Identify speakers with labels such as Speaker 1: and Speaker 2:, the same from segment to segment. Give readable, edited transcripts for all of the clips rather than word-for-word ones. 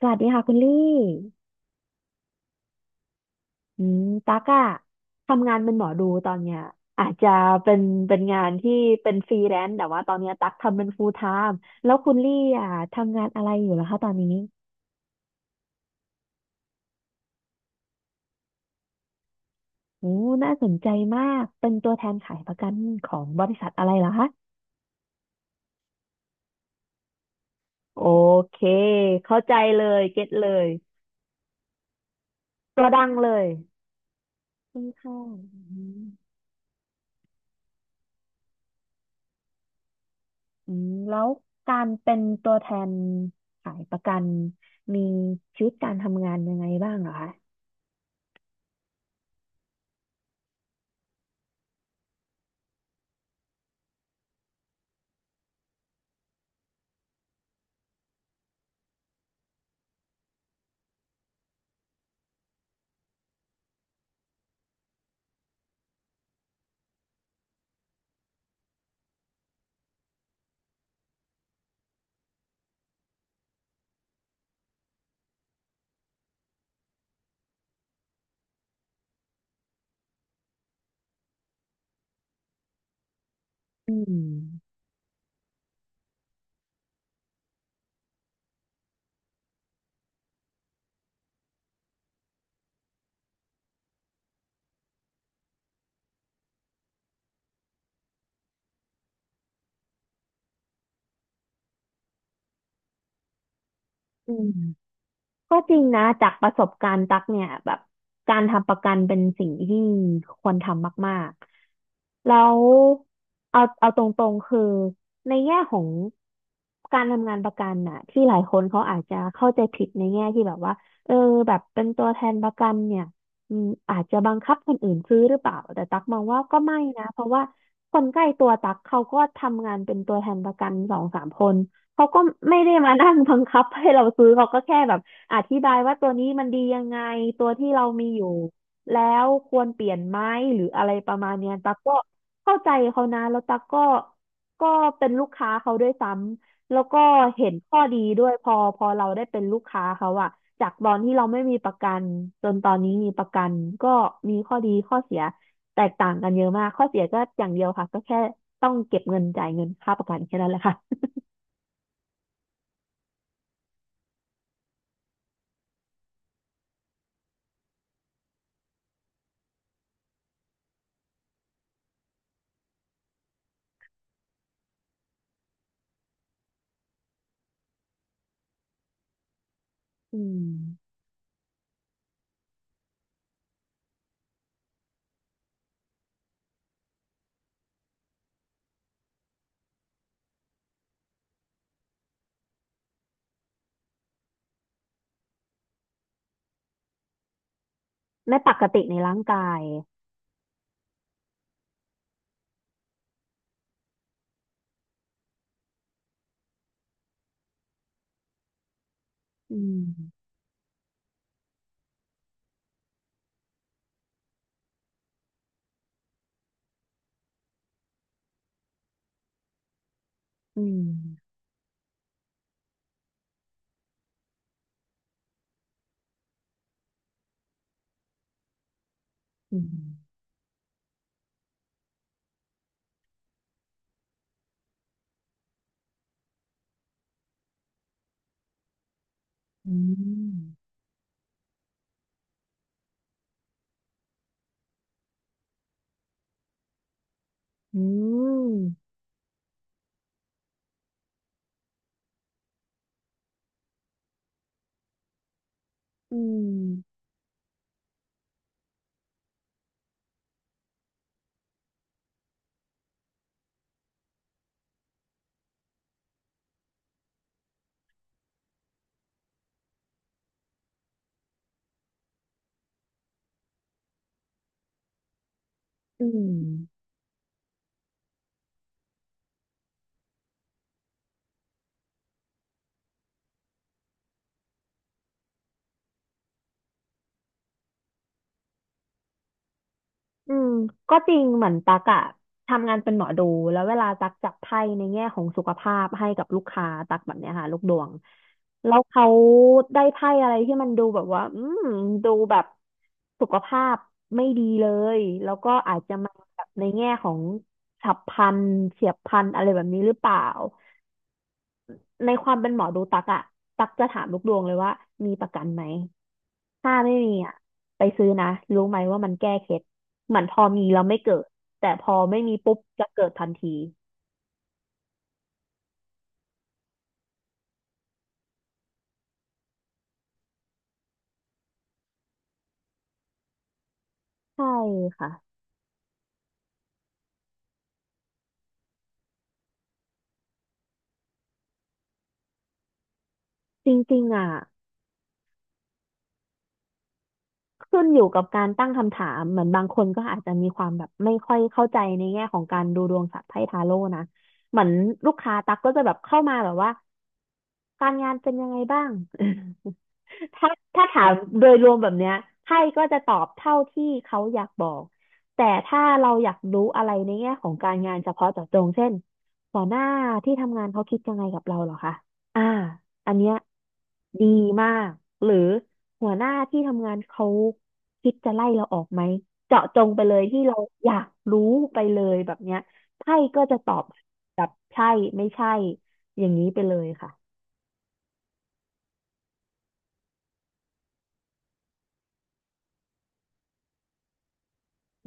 Speaker 1: สวัสดีค่ะคุณลี่อืมตั๊กอะทำงานเป็นหมอดูตอนเนี้ยอาจจะเป็นงานที่เป็นฟรีแลนซ์แต่ว่าตอนเนี้ยตั๊กทำเป็น full time แล้วคุณลี่อะทำงานอะไรอยู่ล่ะคะตอนนี้โอ้น่าสนใจมาก เป็นตัวแทนขายประกันของบริษัทอะไรเหรอคะโอเค เข้าใจเลยเก็ตเลยตัวดังเลยค่อนข้างอืมอืมแล้วการเป็นตัวแทนขายประกัน มีชีวิตการทำงานยังไงบ้างเหรอคะ อืมอืม ก็จริงนะจากประสบการณ์ตักเนี่ยแบบการทำประกันเป็นสิ่งที่ควรทำมากๆแล้วเอาเอาตรงๆคือในแง่ของการทำงานประกันน่ะที่หลายคนเขาอาจจะเข้าใจผิดในแง่ที่แบบว่าเออแบบเป็นตัวแทนประกันเนี่ยอืมอาจจะบังคับคนอื่นซื้อหรือเปล่าแต่ตักมองว่าก็ไม่นะเพราะว่าคนใกล้ตัวตักเขาก็ทำงานเป็นตัวแทนประกันสองสามคนเขาก็ไม่ได้มานั่งบังคับให้เราซื้อเขาก็แค่แบบ อธิบายว่าตัวนี้มันดียังไงตัวที่เรามีอยู่แล้วควรเปลี่ยนไหมหรืออะไรประมาณเนี้ยตั๊กก็เข้าใจเขานะแล้วตั๊กก็เป็นลูกค้าเขาด้วยซ้ำแล้วก็เห็นข้อดีด้วยพอเราได้เป็นลูกค้าเขาอะจากตอนที่เราไม่มีประกันจนตอนนี้มีประกันก็มีข้อดีข้อเสียแตกต่างกันเยอะมากข้อเสียก็อย่างเดียวค่ะก็แค่ต้องเก็บเงินจ่ายเงินค่าประกันแค่นั้นแหละค่ะอืมไม่ปกติในร่างกายอืม อืมอืมอืมอืมอืมอืมอืมก็จริงเหมือนตักอะทำงานเป็นหมอดูแล้วเวลาตักจับไพ่ในแง่ของสุขภาพให้กับลูกค้าตักแบบเนี้ยค่ะลูกดวงแล้วเขาได้ไพ่อะไรที่มันดูแบบว่าอืมดูแบบสุขภาพไม่ดีเลยแล้วก็อาจจะมาแบบในแง่ของฉับพลันเฉียบพลันอะไรแบบนี้หรือเปล่า ในความเป็นหมอดูตักอะตักจะถามลูกดวงเลยว่ามีประกันไหมถ้าไม่มีอะไปซื้อนะรู้ไหมว่ามันแก้เคล็ดเหมือนพอมีแล้วไม่เกิดแต่พอไม่มีปุ๊บจะเกิดทันทีใช่ค่ะจริงๆอ่ะขึ้นอยู่กับการตั้งคำถามเหมือนบางคนก็อาจจะมีความแบบไม่ค่อยเข้าใจในแง่ของการดูดวงศาสัตว์ไพ่ทาโร่นะเหมือนลูกค้าตักก็จะแบบเข้ามาแบบว่าการงานเป็นยังไงบ้าง ถ้าถ้าถามโดยรวมแบบเนี้ยไพ่ก็จะตอบเท่าที่เขาอยากบอกแต่ถ้าเราอยากรู้อะไรในแง่ของการงานเฉพาะเจาะจงเช่นหัวหน้าที่ทำงานเขาคิดยังไงกับเราเหรอคะอ่าอันเนี้ยดีมากหรือหัวหน้าที่ทำงานเขาคิดจะไล่เราออกไหมเจาะจงไปเลยที่เราอยากรู้ไปเลยแบบเนี้ยไพ่ก็จะตอบแบบใช่ไม่ใช่อย่างนี้ไปเลยค่ะ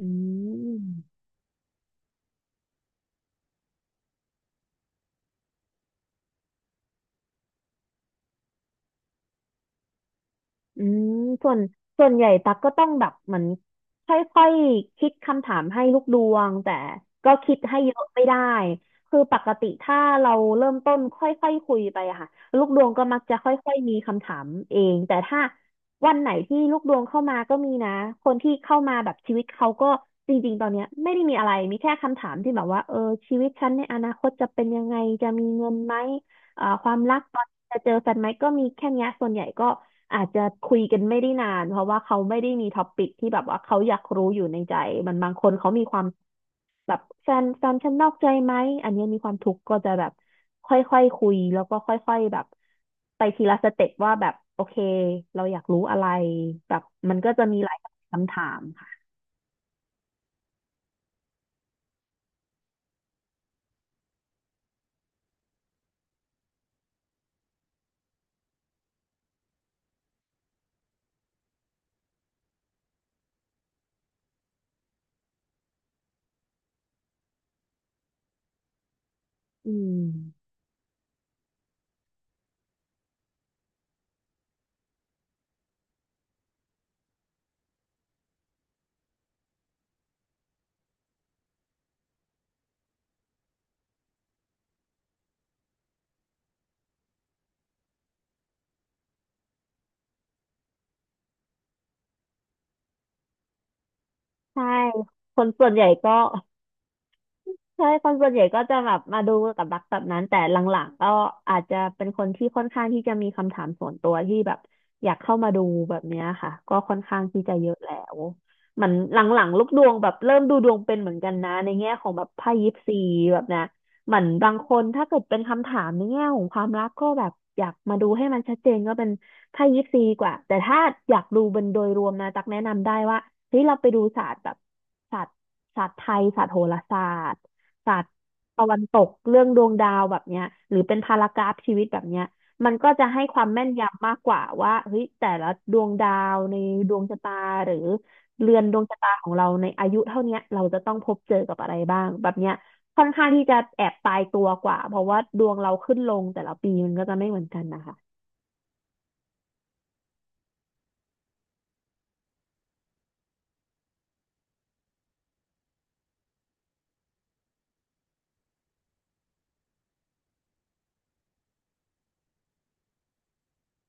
Speaker 1: อืม อืมส่วนส่วนใหญ่ตักก็ต้องแบบเหมือนค่อยๆคิดคำถามให้ลูกดวงแต่ก็คิดให้เยอะไม่ได้คือปกติถ้าเราเริ่มต้นค่อยๆคุยไปอะค่ะลูกดวงก็มักจะค่อยๆมีคำถามเองแต่ถ้าวันไหนที่ลูกดวงเข้ามาก็มีนะคนที่เข้ามาแบบชีวิตเขาก็จริงๆตอนเนี้ยไม่ได้มีอะไรมีแค่คำถามที่แบบว่าเออชีวิตฉันในอนาคตจะเป็นยังไงจะมีเงินไหมความรักตอนจะเจอแฟนไหมก็มีแค่เนี้ยส่วนใหญ่ก็ อาจจะคุยกันไม่ได้นานเพราะว่าเขาไม่ได้มีท็อปิกที่แบบว่าเขาอยากรู้อยู่ในใจมันบางคนเขามีความแบบแฟนฉันนอกใจไหมอันเนี้ยมีความทุกข์ก็จะแบบค่อยๆคุยแล้วก็ค่อยๆแบบไปทีละสเต็ปว่าแบบโอเคเราอยากรู้อะไรแบบมันก็จะมีหลายคำถามค่ะอืมใช่คนส่วนใหญ่ก็ ใช่คนส่วนใหญ่ก็จะแบบมาดูกับรักแบบนั้นแต่หลังๆก็อาจจะเป็นคนที่ค่อนข้างที่จะมีคำถามส่วนตัวที่แบบอยากเข้ามาดูแบบเนี้ยค่ะก็ค่อนข้างที่จะเยอะแล้วเหมือนหลังๆลูกดวงแบบเริ่มดูดวงเป็นเหมือนกันนะในแง่ของแบบไพ่ยิปซีแบบนะเหมือนบางคนถ้าเกิดเป็นคำถามในแง่ของความรักก็แบบอยากมาดูให้มันชัดเจนก็เป็นไพ่ยิปซีดีกว่าแต่ถ้าอยากดูเป็นโดยรวมนะตักแนะนำได้ว่าเฮ้ยเราไปดูศาสตร์แบบศาสตร์ศาสตร์ไทยศาสตร์โหราศาสตร์ ศาสตร์ตะวันตกเรื่องดวงดาวแบบเนี้ยหรือเป็นพารากราฟชีวิตแบบเนี้ยมันก็จะให้ความแม่นยำมากกว่าว่าเฮ้ยแต่ละดวงดาวในดวงชะตาหรือเรือนดวงชะตาของเราในอายุเท่าเนี้ยเราจะต้องพบเจอกับอะไรบ้างแบบเนี้ยค่อนข้างที่จะแอบตายตัวกว่าเพราะว่าดวงเราขึ้นลงแต่ละปีมันก็จะไม่เหมือนกันนะคะ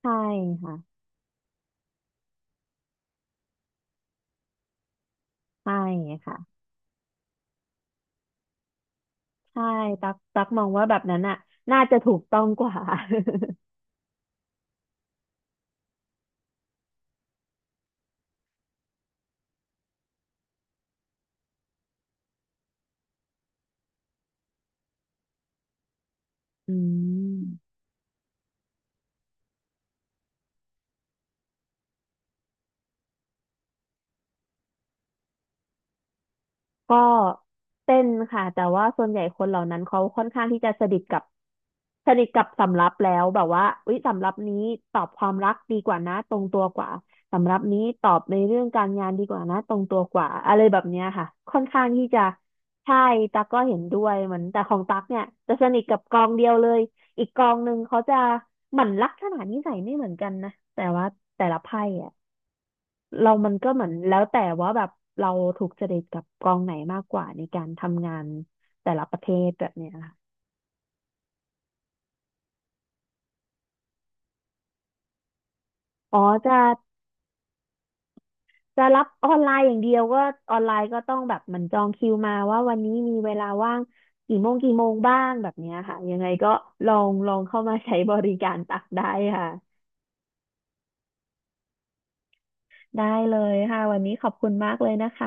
Speaker 1: ใช่ค่ะใช่ค่ะใช่ตักมองว่าแบบนั้นอ่ะน่าจะถูกต้องกว่า อืม ก็เต้นค่ะแต่ว่าส่วนใหญ่คนเหล่านั้นเขาค่อนข้างที่จะสนิทกับสนิทกับสำรับแล้วแบบว่าอุ๊ยสำรับนี้ตอบความรักดีกว่านะตรงตัวกว่าสำรับนี้ตอบในเรื่องการงานดีกว่านะตรงตัวกว่าอะไรแบบเนี้ยค่ะค่อนข้างที่จะใช่ตั๊กก็เห็นด้วยเหมือนแต่ของตั๊กเนี่ยจะสนิทกับกองเดียวเลยอีกกองหนึ่งเขาจะเหมือนลักษณะนิสัยไม่เหมือนกันนะแต่ว่าแต่ละไพ่อะ เรามันก็เหมือนแล้วแต่ว่าแบบเราถูกจริตกับกองไหนมากกว่าในการทำงานแต่ละประเทศแบบเนี้ยค่ะอ๋อจะจะรับออนไลน์อย่างเดียวก็ออนไลน์ก็ต้องแบบมันจองคิวมาว่าวันนี้มีเวลาว่างกี่โมงกี่โมงบ้างแบบเนี้ยค่ะยังไงก็ลองเข้ามาใช้บริการ ตักได้ค่ะได้เลยค่ะวันนี้ขอบคุณมากเลยนะคะ